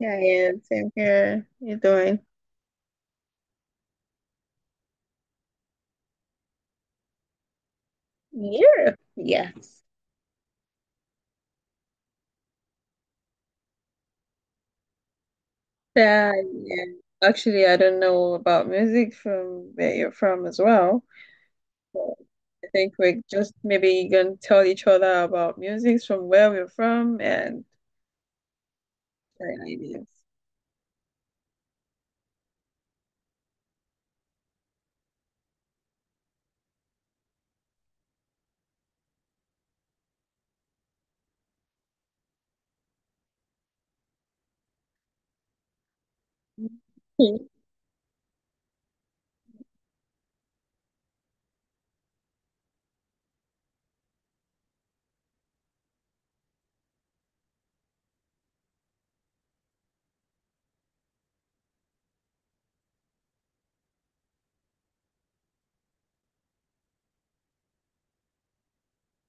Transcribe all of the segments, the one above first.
Yeah, yeah, same here. You doing Europe? Yes. Yeah, yeah. Actually, I don't know about music from where you're from as well. So I think we're just maybe gonna tell each other about music from where we're from and share ideas. Mhm.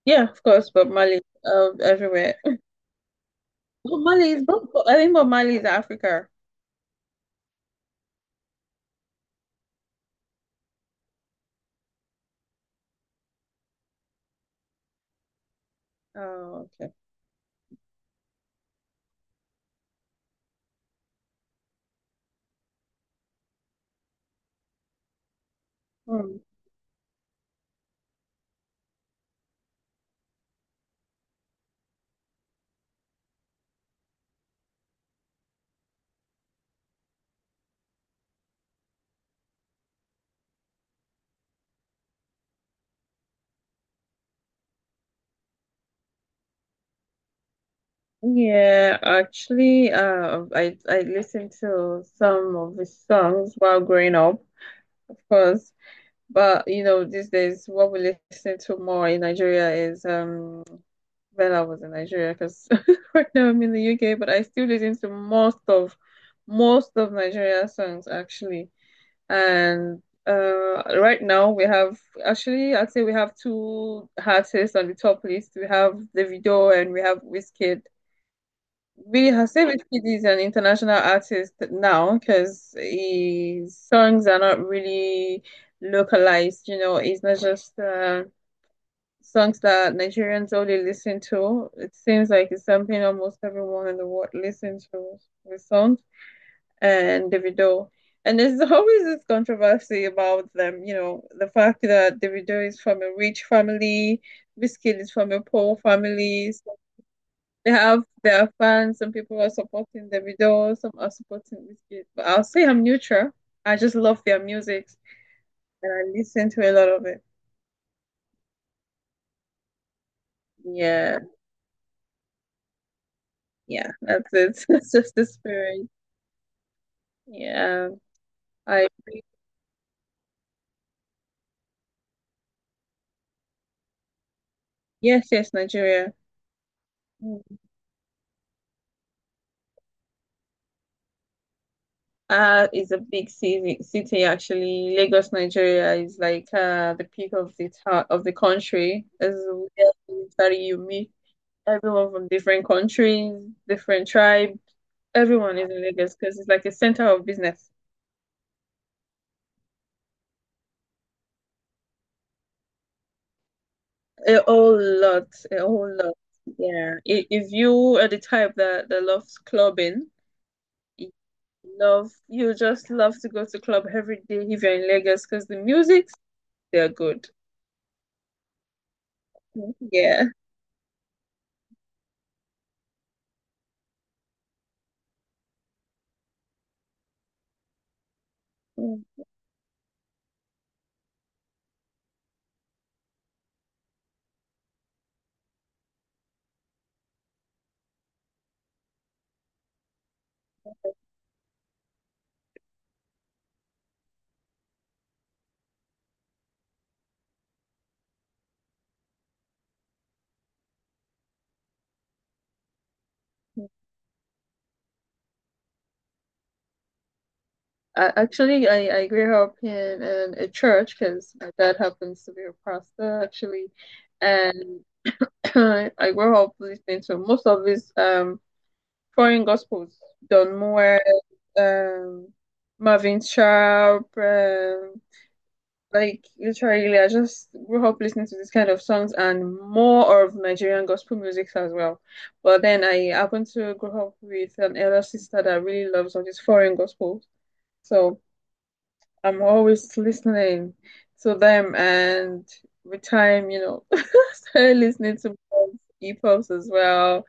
Yeah, of course, Bob Marley everywhere. Bob Marley is Bob, I think Bob Marley is Africa. Oh, okay. Hmm. Yeah, actually, I listened to some of his songs while growing up, of course. But you know, these days, what we listen to more in Nigeria is when I was in Nigeria, because right now I'm in the UK, but I still listen to most of Nigeria songs actually. And right now we have actually I'd say we have two artists on the top list. We have Davido and we have Wizkid. We Hasib Iskidi is an international artist now because his songs are not really localized, you know, it's not just songs that Nigerians only listen to. It seems like it's something almost everyone in the world listens to the song and Davido. And there's always this controversy about them, you know, the fact that Davido is from a rich family, Wizkid is from a poor family. They have their fans. Some people are supporting the video. Some are supporting this kid. But I'll say I'm neutral. I just love their music and I listen to a lot of it. Yeah, yeah, that's it. That's just the spirit. Yeah, I agree. Yes, yes, Nigeria. Mm. Is a big city actually. Lagos, Nigeria is like the peak of the town of the country. It's very unique. Everyone from different countries, different tribe, everyone is in Lagos because it's like a center of business. A whole lot, a whole lot. Yeah. If you are the type that loves clubbing, you love you just love to go to club every day if you're in Lagos because the musics they're good. Yeah. Mm. Actually, I grew up in a church because my dad happens to be a pastor actually, and I grew up listening to most of his foreign gospels, Don Moore, um, Marvin Sharp, like literally, I just grew up listening to this kind of songs and more of Nigerian gospel music as well. But then I happened to grow up with an elder sister that really loves all these foreign gospels, so I'm always listening to them, and with time, you know, started listening to hip hops as well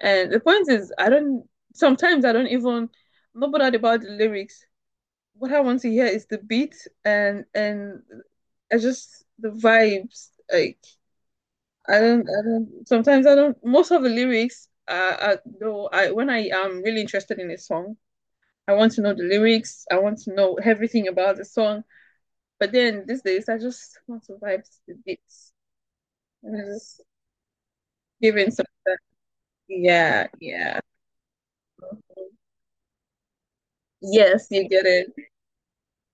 and the point is, I don't, sometimes I don't even, I'm not bothered about the lyrics. What I want to hear is the beat and I just the vibes. Like I don't, I don't. Sometimes I don't. Most of the lyrics, though, I when I am really interested in a song, I want to know the lyrics. I want to know everything about the song. But then these days, I just want to vibe to the beats and I just give in some. Yeah, yeah. Yes, you get it.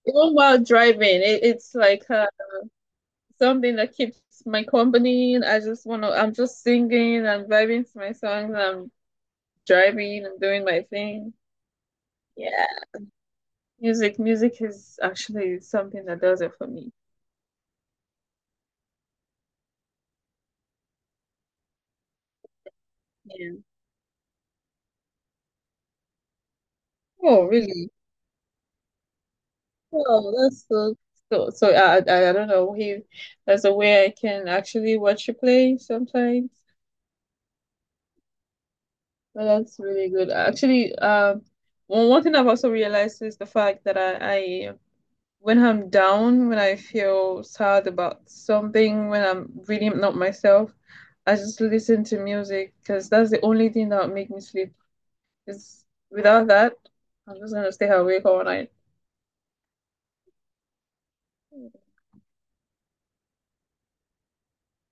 Even while driving, it's like something that keeps my company. And I'm just singing, I'm vibing to my songs, I'm driving, I'm doing my thing. Yeah. Music is actually something that does it for me. Yeah. Oh, really? Oh, that's so, I don't know if there's a way I can actually watch you play sometimes. But that's really good. Actually, one thing I've also realized is the fact that I when I'm down, when I feel sad about something, when I'm really not myself, I just listen to music because that's the only thing that make me sleep. Because without that, I'm just gonna stay awake all night.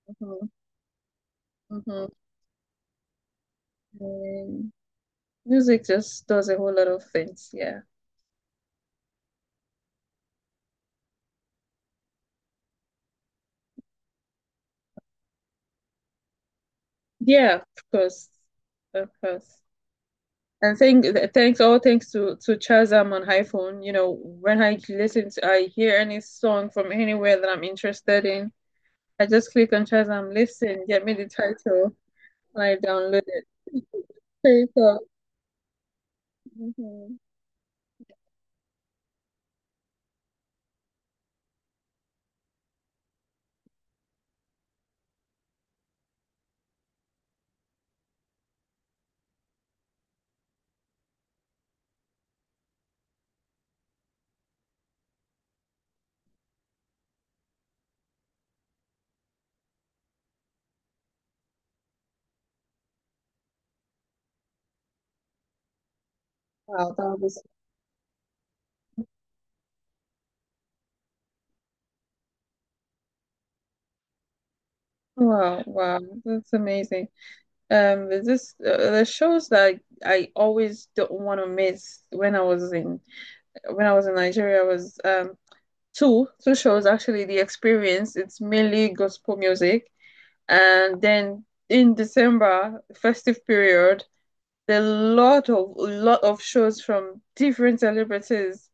Mhm, mhm. Mm. Music just does a whole lot of things. Yeah, yeah, of course, of course. And thanks, all thanks to Chazam on iPhone. You know, when I hear any song from anywhere that I'm interested in. I just click on Shazam, listen, get me the title, and I download it. Straight up. Mhm. Wow, that was. Wow, wow, that's amazing. There's this the shows that I always don't want to miss when I was in Nigeria was two two shows actually. The Experience, it's mainly gospel music, and then in December festive period, there are a lot of shows from different celebrities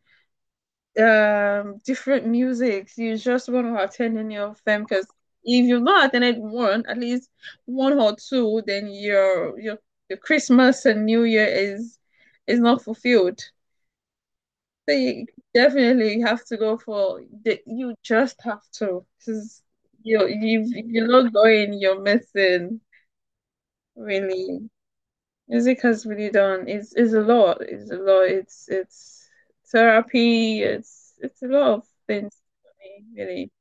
different musics. You just want to attend any of them because if you've not attended one, at least one or two, then your Christmas and New Year is not fulfilled. So you definitely have to go for you just have to. 'Cause you if you're not going, you're missing really. Music has really done not it's a lot. It's a lot. It's therapy. It's a lot of things for me, really.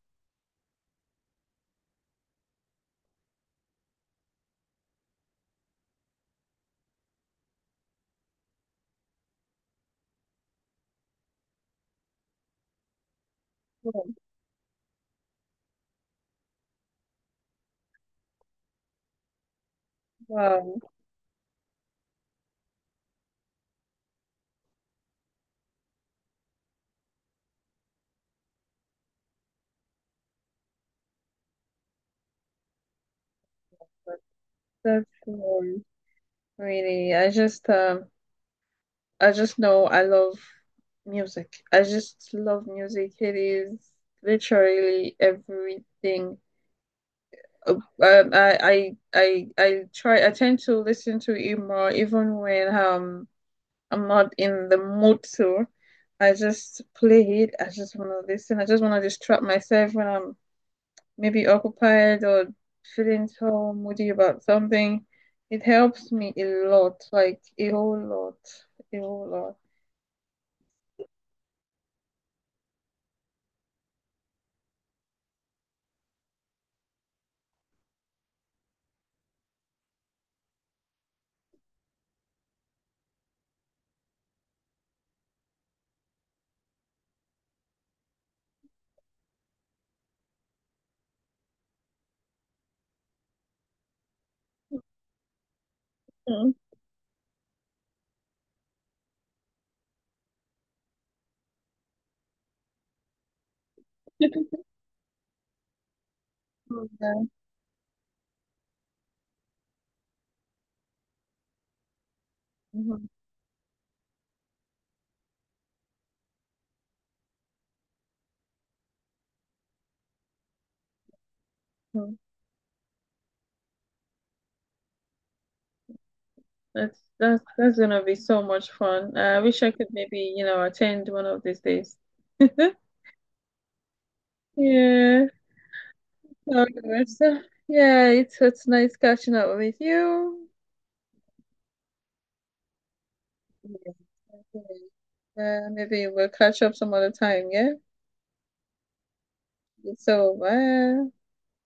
Oh. Wow, that's really. I just know I love music. I just love music. It is literally everything. Uh, Um, I I try. I tend to listen to it more, even when I'm not in the mood to. I just play it. I just want to listen. I just want to distract myself when I'm maybe occupied or feeling so moody about something. It helps me a lot, like a whole lot, a whole lot. Mm. Yeah. Mhm. Mhm. That's gonna be so much fun. I wish I could maybe, you know, attend one of these days. Yeah. Okay, so, yeah, it's nice catching up with you. Yeah. Okay. Maybe we'll catch up some other time, yeah? So, bye.